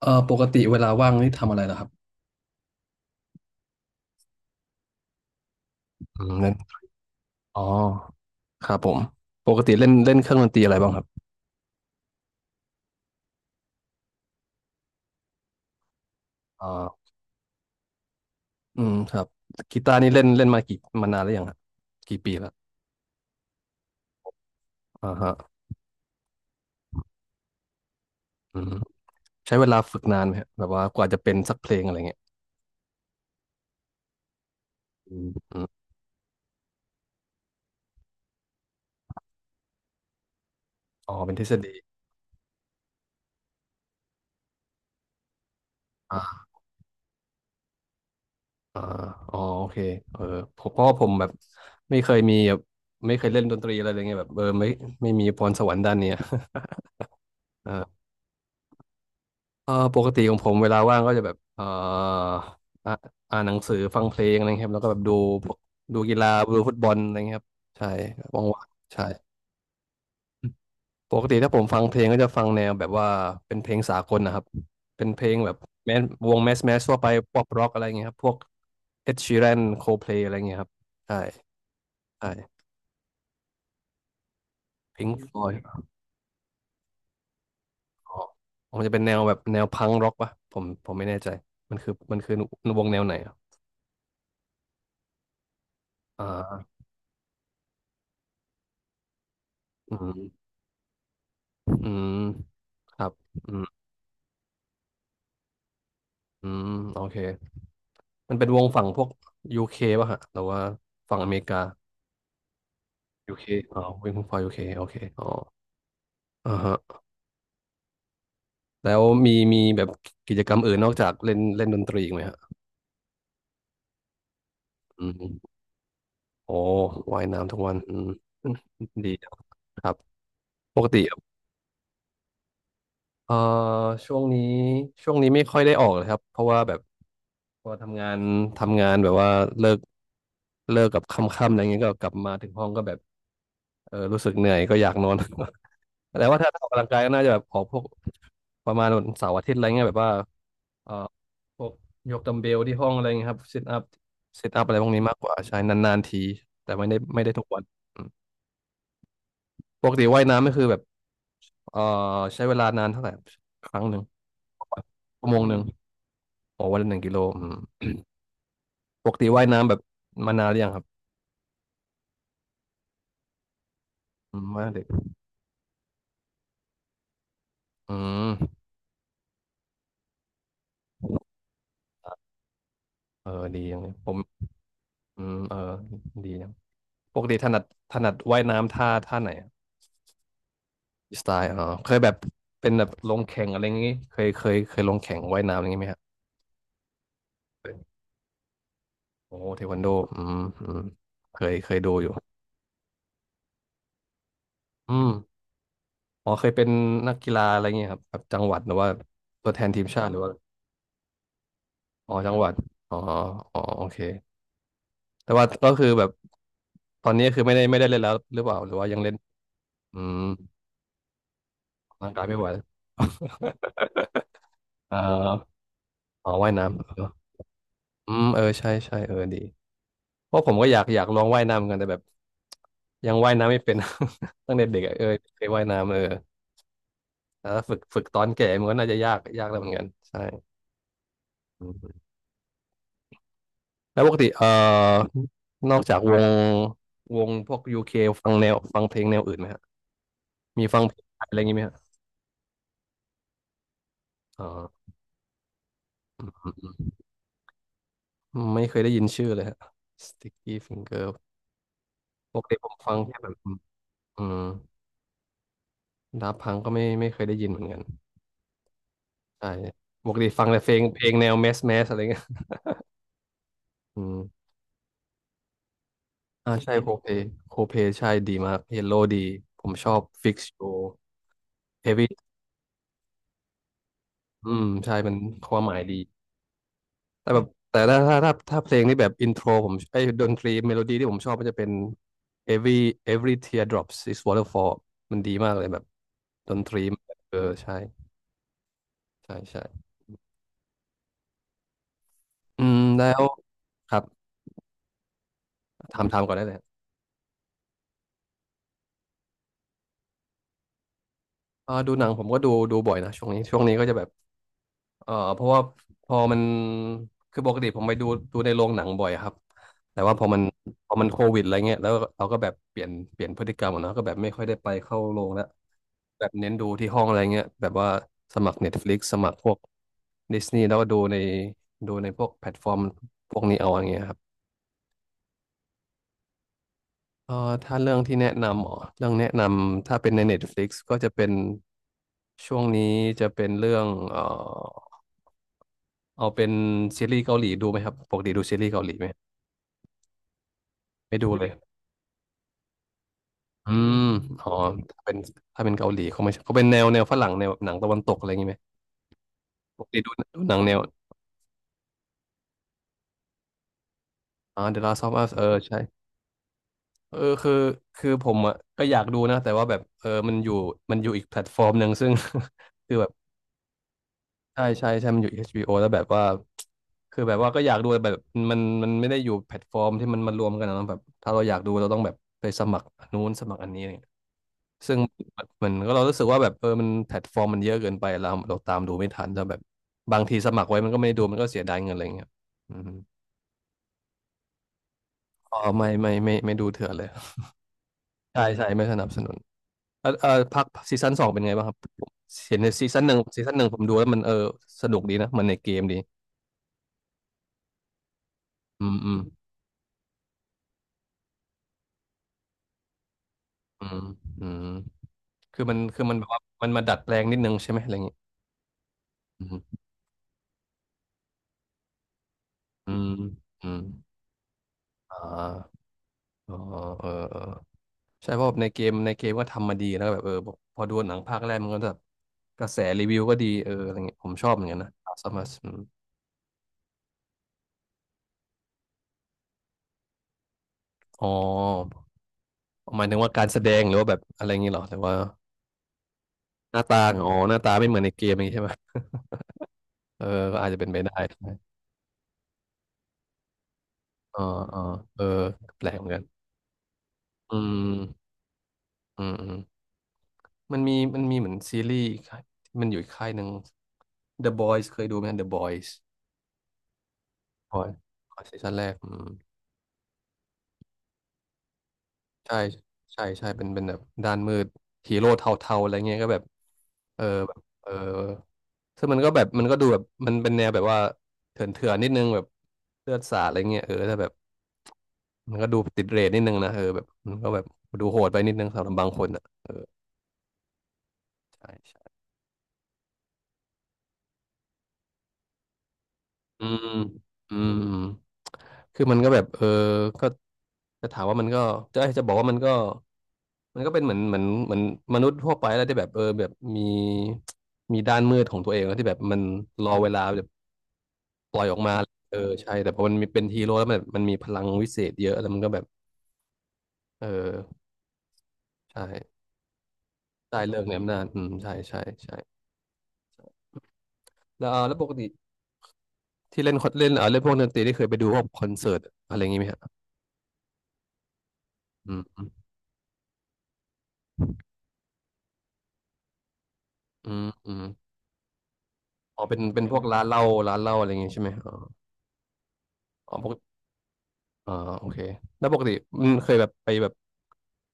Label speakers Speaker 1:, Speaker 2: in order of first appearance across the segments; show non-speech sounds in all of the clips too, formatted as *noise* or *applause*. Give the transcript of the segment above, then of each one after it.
Speaker 1: ปกติเวลาว่างนี่ทำอะไรล่ะครับอืมเล่นอ๋อครับผมปกติเล่นเล่นเครื่องดนตรีอะไรบ้างครับอ่าอืมครับกีตาร์นี่เล่นเล่นมากี่มานานแล้วยังครับกี่ปีแล้วอ่าฮะอืมใช้เวลาฝึกนานไหมฮะแบบว่ากว่าจะเป็นสักเพลงอะไรเงี้ยอืมอืมอ๋อเป็นทฤษฎีอ่าอ่าอ๋อโอเคเออผมเพราะว่าผมแบบไม่เคยมีแบบไม่เคยเล่นดนตรีอะไรเลยไงแบบเออไม่ไม่มีพรสวรรค์ด้านเนี้ย *laughs* เออ ปกติของผมเวลาว่างก็จะแบบอ่าอ่านหนังสือฟังเพลงอะไรครับแล้วก็แบบดูพวกดูกีฬาดูฟุตบอลอะไรเงี้ยครับใช่ว่างๆใช่ปกติถ้าผมฟังเพลงก็จะฟังแนวแบบว่าเป็นเพลงสากลนะครับเป็นเพลงแบบแมสวงแมสแมสทั่วไปป๊อปร็อกอะไรเงี้ยครับพวกเอ็ดชีแรนโคเพลอะไรเงี้ยครับใช่ใช่พิงค์ฟลอยด์อ๋อผมจะเป็นแนวแบบแนวพังร็อกปะผมผมไม่แน่ใจมันคือวงแนวไหนอะอ่าอืม อืมครับอืมอืมโอเคมันเป็นวงฝั่งพวกยูเคป่ะฮะหรือว่าฝั่งอเมริกายูเคอ๋อวิ่งฝั่งยูเคโอเคอ๋ออ่าฮะแล้วมีแบบกิจกรรมอื่นนอกจากเล่นเล่นดนตรีอีกไหมฮะอืมโอ้ว่ายน้ำทุกวันอืม *laughs* ดีจังครับปกติเอ่อช่วงนี้ช่วงนี้ไม่ค่อยได้ออกเลยครับ เพราะว่าแบบพอทำงานแบบว่าเลิกเลิกกับค่ำๆอะไรเงี้ยก็กลับมาถึงห้องก็แบบเออรู้สึกเหนื่อยก็อยากนอน *laughs* แต่ว่าถ้าออกกำลังกายก็น่าจะแบบออกพวกประมาณวันเสาร์อาทิตย์อะไรเงี้ยแบบว่าเอ่อพวกยกดัมเบลที่ห้องอะไรเงี้ยครับซิทอัพซิทอัพอะไรพวกนี้มากกว่าใช่นานๆทีแต่ไม่ได้ทุกวันอืมปกติว่ายน้ำก็คือแบบเอ่อใช้เวลานานเท่าไหร่ครั้งหนึ่งชั่วโมงหนึ่งโอ้วันละหนึ่งกิโลอืมปกติว่ายน้ำแบบมานานหรือยังครับอืมว่าเด็กอืมเออดีอย่างเลยผมอืมเออดีนะปกติถนัดถนัดว่ายน้ำท่าท่าไหน สไตล์อ๋อเคยแบบเป็นแบบลงแข่งอะไรอย่างงี้เคยลงแข่งว่ายน้ำอะไรอย่างงี้ไหมครับโอ้เทควันโดอืมอืมเคยดูอยู่อืมอ๋อเคยเป็นนักกีฬาอะไรอย่างเงี้ยครับแบบจังหวัดหรือว่าตัวแทนทีมชาติหรือว่าอ๋อจังหวัดอ๋ออ๋อโอเคแต่ว่าก็คือแบบตอนนี้คือไม่ได้เล่นแล้วหรือเปล่าหรือว่ายังเล่นอืมร่างกายไม่ไหว *laughs* เอ่ออ๋อว่ายน้ำเอออืมเออใช่ใช่เออดี เพราะผมก็อยากลองว่ายน้ำเหมือนกันแต่แบบยังว่ายน้ำไม่เป็น *laughs* ตั้งแต่เด็กอะเออเคยว่ายน้ำเออแต่ถ้าฝึกตอนแก่มันก็น่าจะยากแล้วเหมือนกันใช่อืมแล้วปกตินอกจากวงพวกยูเคฟังแนวฟังเพลงแนวอื่นไหมฮะมีฟังเพลงไทยอะไรอย่างงี้ไหมฮะอ๋ออืมอืมไม่เคยได้ยินชื่อเลยฮะ Sticky Finger ปกติผมฟังแค่แบบอืมอืมดับพังก็ไม่เคยได้ยินเหมือนกันใช่ปกติฟังแต่เพลงแนวแมสแมสอะไรเงี้ยอืม อ่าใช่โคเพโคเพใช่ดีมากเยลโลดีผมชอบฟิกโชเฮฟวี่อืมใช่มันความหมายดีแต่แบบแต่ถ้าเพลงนี่แบบอินโทรผมไอ้ยดนตรีเมโลดี้ที่ผมชอบมันจะเป็น every every tear drops is waterfall มันดีมากเลยแบบดนตรีมันเออใช่ใช่ใช่อืมแล้วครับทำก่อนได้เลยอ่าดูหนังผมก็ดูบ่อยนะช่วงนี้ช่วงนี้ก็จะแบบ เออเพราะว่าพอมันคือปกติผมไปดูดูในโรงหนังบ่อยครับแต่ว่าพอมันโควิดอะไรเงี้ยแล้วเราก็แบบเปลี่ยนพฤติกรรมขอะเนาะก็แบบไม่ค่อยได้ไปเข้าโรงแล้วแบบเน้นดูที่ห้องอะไรเงี้ยแบบว่าสมัคร Netflix สมัครพวกดิสนีย์แล้วก็ดูในดูในพวกแพลตฟอร์มพวกนี้เอาอย่างเงี้ยครับเออถ้าเรื่องที่แนะนำอ๋อเรื่องแนะนำถ้าเป็นใน Netflix ก็จะเป็นช่วงนี้จะเป็นเรื่องเออ เอาเป็นซีรีส์เกาหลีดูไหมครับปกติดูซีรีส์เกาหลีไหมไม่ดูเลยอืมอ๋อถ้าเป็นเกาหลีเขาไม่ใช่เขาเป็นแนวแนวฝรั่งแนวแบบหนังตะวันตกอะไรอย่างงี้ไหมปกติดูหนังแนวอ่า The Last of Us เออใช่เออคือผมอ่ะก็อยากดูนะแต่ว่าแบบเออมันอยู่อีกแพลตฟอร์มหนึ่งซึ่ง *laughs* คือแบบใช่ใช่ใช่มันอยู่ HBO แล้วแบบว่าคือแบบว่าก็อยากดูแต่แบบมันไม่ได้อยู่แพลตฟอร์มที่มันมารวมกันนะแบบถ้าเราอยากดูเราต้องแบบไปสมัครอันนู้นสมัครอันนี้ ซึ่งมันก็เรารู้สึกว่าแบบเออมันแพลตฟอร์มมันเยอะเกินไปเราตามดูไม่ทันแล้วแบบบางทีสมัครไว้มันก็ไม่ได้ดูมันก็เสียดายเงินอะไรเงี้ยอืมอ๋อไม่ดูเถื่อนเลยใช่ใช่ไม่สนับสนุนเออเออพักซีซั่นสองเป็นไงบ้างครับเห็นในซีซั่นหนึ่งผมดูแล้วมันเออสนุกดีนะมันในเกมดีอืมอืมอืมอืมคือมันแบบว่ามันมาดัดแปลงนิดนึงใช่ไหมอะไรอย่างเงี้ยอืมอืมอืมอ่าอ๋อเออเออ ใช่เพราะแบบในเกมก็ทำมาดีแล้วก็แบบเออพอดูหนังภาคแรกมันก็แบบกระแสรีวิวก็ดีเอออะไรเงี้ยผมชอบเหมือนกันนะสมัสอ๋อหมายถึงว่าการแสดงหรือว่าแบบอะไรเงงี้ยหรอแต่ว่าหน้าตาอ๋อหน้าตาไม่เหมือนในเกมอย่างงี้ใช่ไหมเออก็อาจจะเป็นไปได้ใช่ไหมอ๋ออ๋อเออแปลกเหมือนกันอืมอืมอืมมันมีเหมือนซีรีส์อีกค่ายที่มันอยู่อีกค่ายหนึ่ง The Boys เคยดูไหม The Boys Boys อ๋อซีซั่นแรกอืม ใช่ใช่ใช่เป็นแบบด้านมืดฮีโร่เทาๆอะไรเงี้ยก็แบบเออแบบเออซึ่งมันก็แบบมันก็ดูแบบมันเป็นแนวแบบว่าเถื่อนๆนิดนึงแบบเลือดสาดอะไรเงี้ยเออถ้าแบบมันก็ดูติดเรทนิดนึงนะเออแบบมันก็แบบดูโหดไปนิดนึงสำหรับบางคนอ่ะเออใช่ใช่อืมอืมอืมคือมันก็แบบเออก็จะถามว่ามันก็จะบอกว่ามันก็ มันก็เป็นเหมือนมนุษย์ทั่วไปแล้วที่แบบเออแบบมีด้านมืดของตัวเองแล้วที่แบบมันรอเวลาแบบปล่อยออกมาเออใช่แต่พอมันมีเป็นฮีโร่แล้วมันมีพลังวิเศษเยอะแล้วมันก็แบบเออใช่ได้เรื่ในอำนาจอืมใช่ใช่ใช่แล้วเออแล้วปกติที่เล่นคอนเล่นเออเล่นพวกดนตรีที่เคยไปดูพวกคอนเสิร์ตอะไรอย่างงี้ไหมฮะอืมอืมอืมอ๋อเป็นพวกร้านเหล้าอะไรอย่างงี้ใช่ไหมอ๋ออ๋อปก อ่าโอเคแล้วปกติมันเคยแบบไปแบบ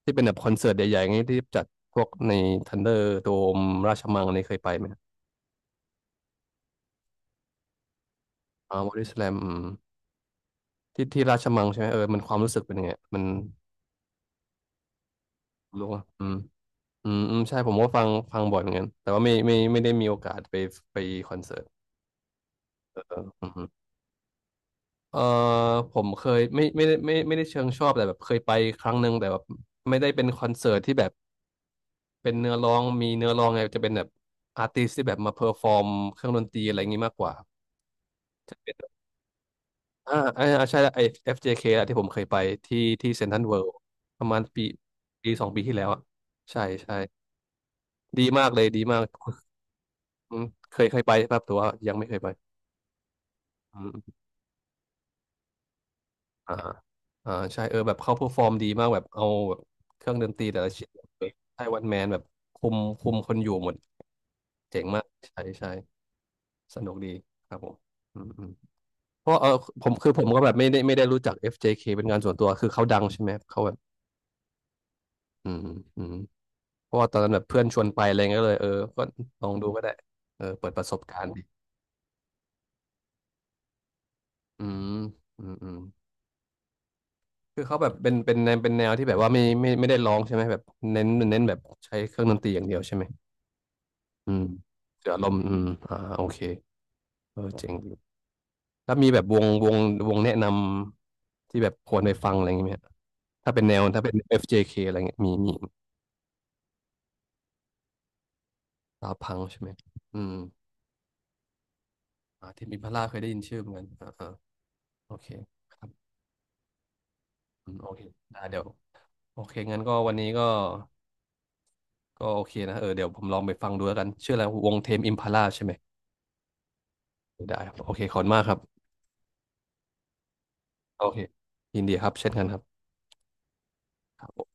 Speaker 1: ที่เป็นแบบคอนเสิร์ตใหญ่ๆงี้ที่จัดพวกในทันเดอร์โดมราชมังนี่เคยไปไหมอ่าบอดี้สแลมอืมที่ที่ราชมังใช่ไหมเออมันความรู้สึกเป็นยังไงมันรู้ว่าอืมอืมอืมใช่ผมก็ฟังบ่อยเหมือนกันแต่ว่าไม่ได้มีโอกาสไปไปคอนเสิร์ตเอออืมฮึเออผมเคยไม่ไม่ได้เชิงชอบแต่แบบเคยไปครั้งหนึ่งแต่แบบไม่ได้เป็นคอนเสิร์ตที่แบบ เป็นเนื้อร้องมีเนื้อร้องไงจะเป็นแบบอาร์ติสที่แบบมาเพอร์ฟอร์มเครื่องดนตรีอะไรอย่างงี้มากกว่าจะเป็นอ่าอ่าใช่แล้วไอ้ FJK อฟเจเคอะที่ผมเคยไปที่ที่เซ็นทรัลเวิลด์ประมาณปีสองปีที่แล้วอะใช่ใช่ดีมากเลยดีมากอืมเคยไปครับแต่ว่ายังไม่เคยไปอืมอ่าอ่าใช่เออแบบเขาเพอร์ฟอร์มดีมากแบบเอาแบบเครื่องดนตรีแต่ละชิ้นไต้หวันแมนแบบคุมคนอยู่หมดเจ๋งมากใช่ใช่สนุกดีครับผมอืมอืม เพราะเออผมคือผมก็แบบไม่ได้รู้จัก FJK เจเคเป็นงานส่วนตัวคือเขาดังใช่ไหมเขาแบบอืมอืมเพราะว่าตอนนั้นแบบเพื่อนชวนไปอะไรเงี้ยก็เลยเออก็ลองดูก็ได้เออเปิดประสบการณ์ดิอืมอืมอืมคือเขาแบบเป็นแนวเป็นแนวที่แบบว่าไม่ได้ร้องใช่ไหมแบบเน้นแบบใช้เครื่องดนตรีอย่างเดียวใช่ไหมอืมเสือลมอืมอ่าโอเคเออเจ๋งดีแล้วมีแบบวงแนะนำที่แบบควรไปฟังอะไรอย่างเงี้ยไหมฮะถ้าเป็นแนวถ้าเป็น FJK อฟเจเคอะไรเงี้ยมีมี ดาวพังใช่ไหม อืมอ่าเทมิพัลล่าเคยได้ยินชื่อเหมือนกันอ่าอ่าโอเคครับอืมโอเคอ่าเดี๋ยวโอเคงั้นก็วันนี้ก็โอเคนะเออเดี๋ยวผมลองไปฟังดูแล้วกันชื่ออะไรวงเทมอิมพาล่าใช่ไหม ได้ครับโอเคขอบคุณมากครับโอเคยินดีครับ เช่นกันครับ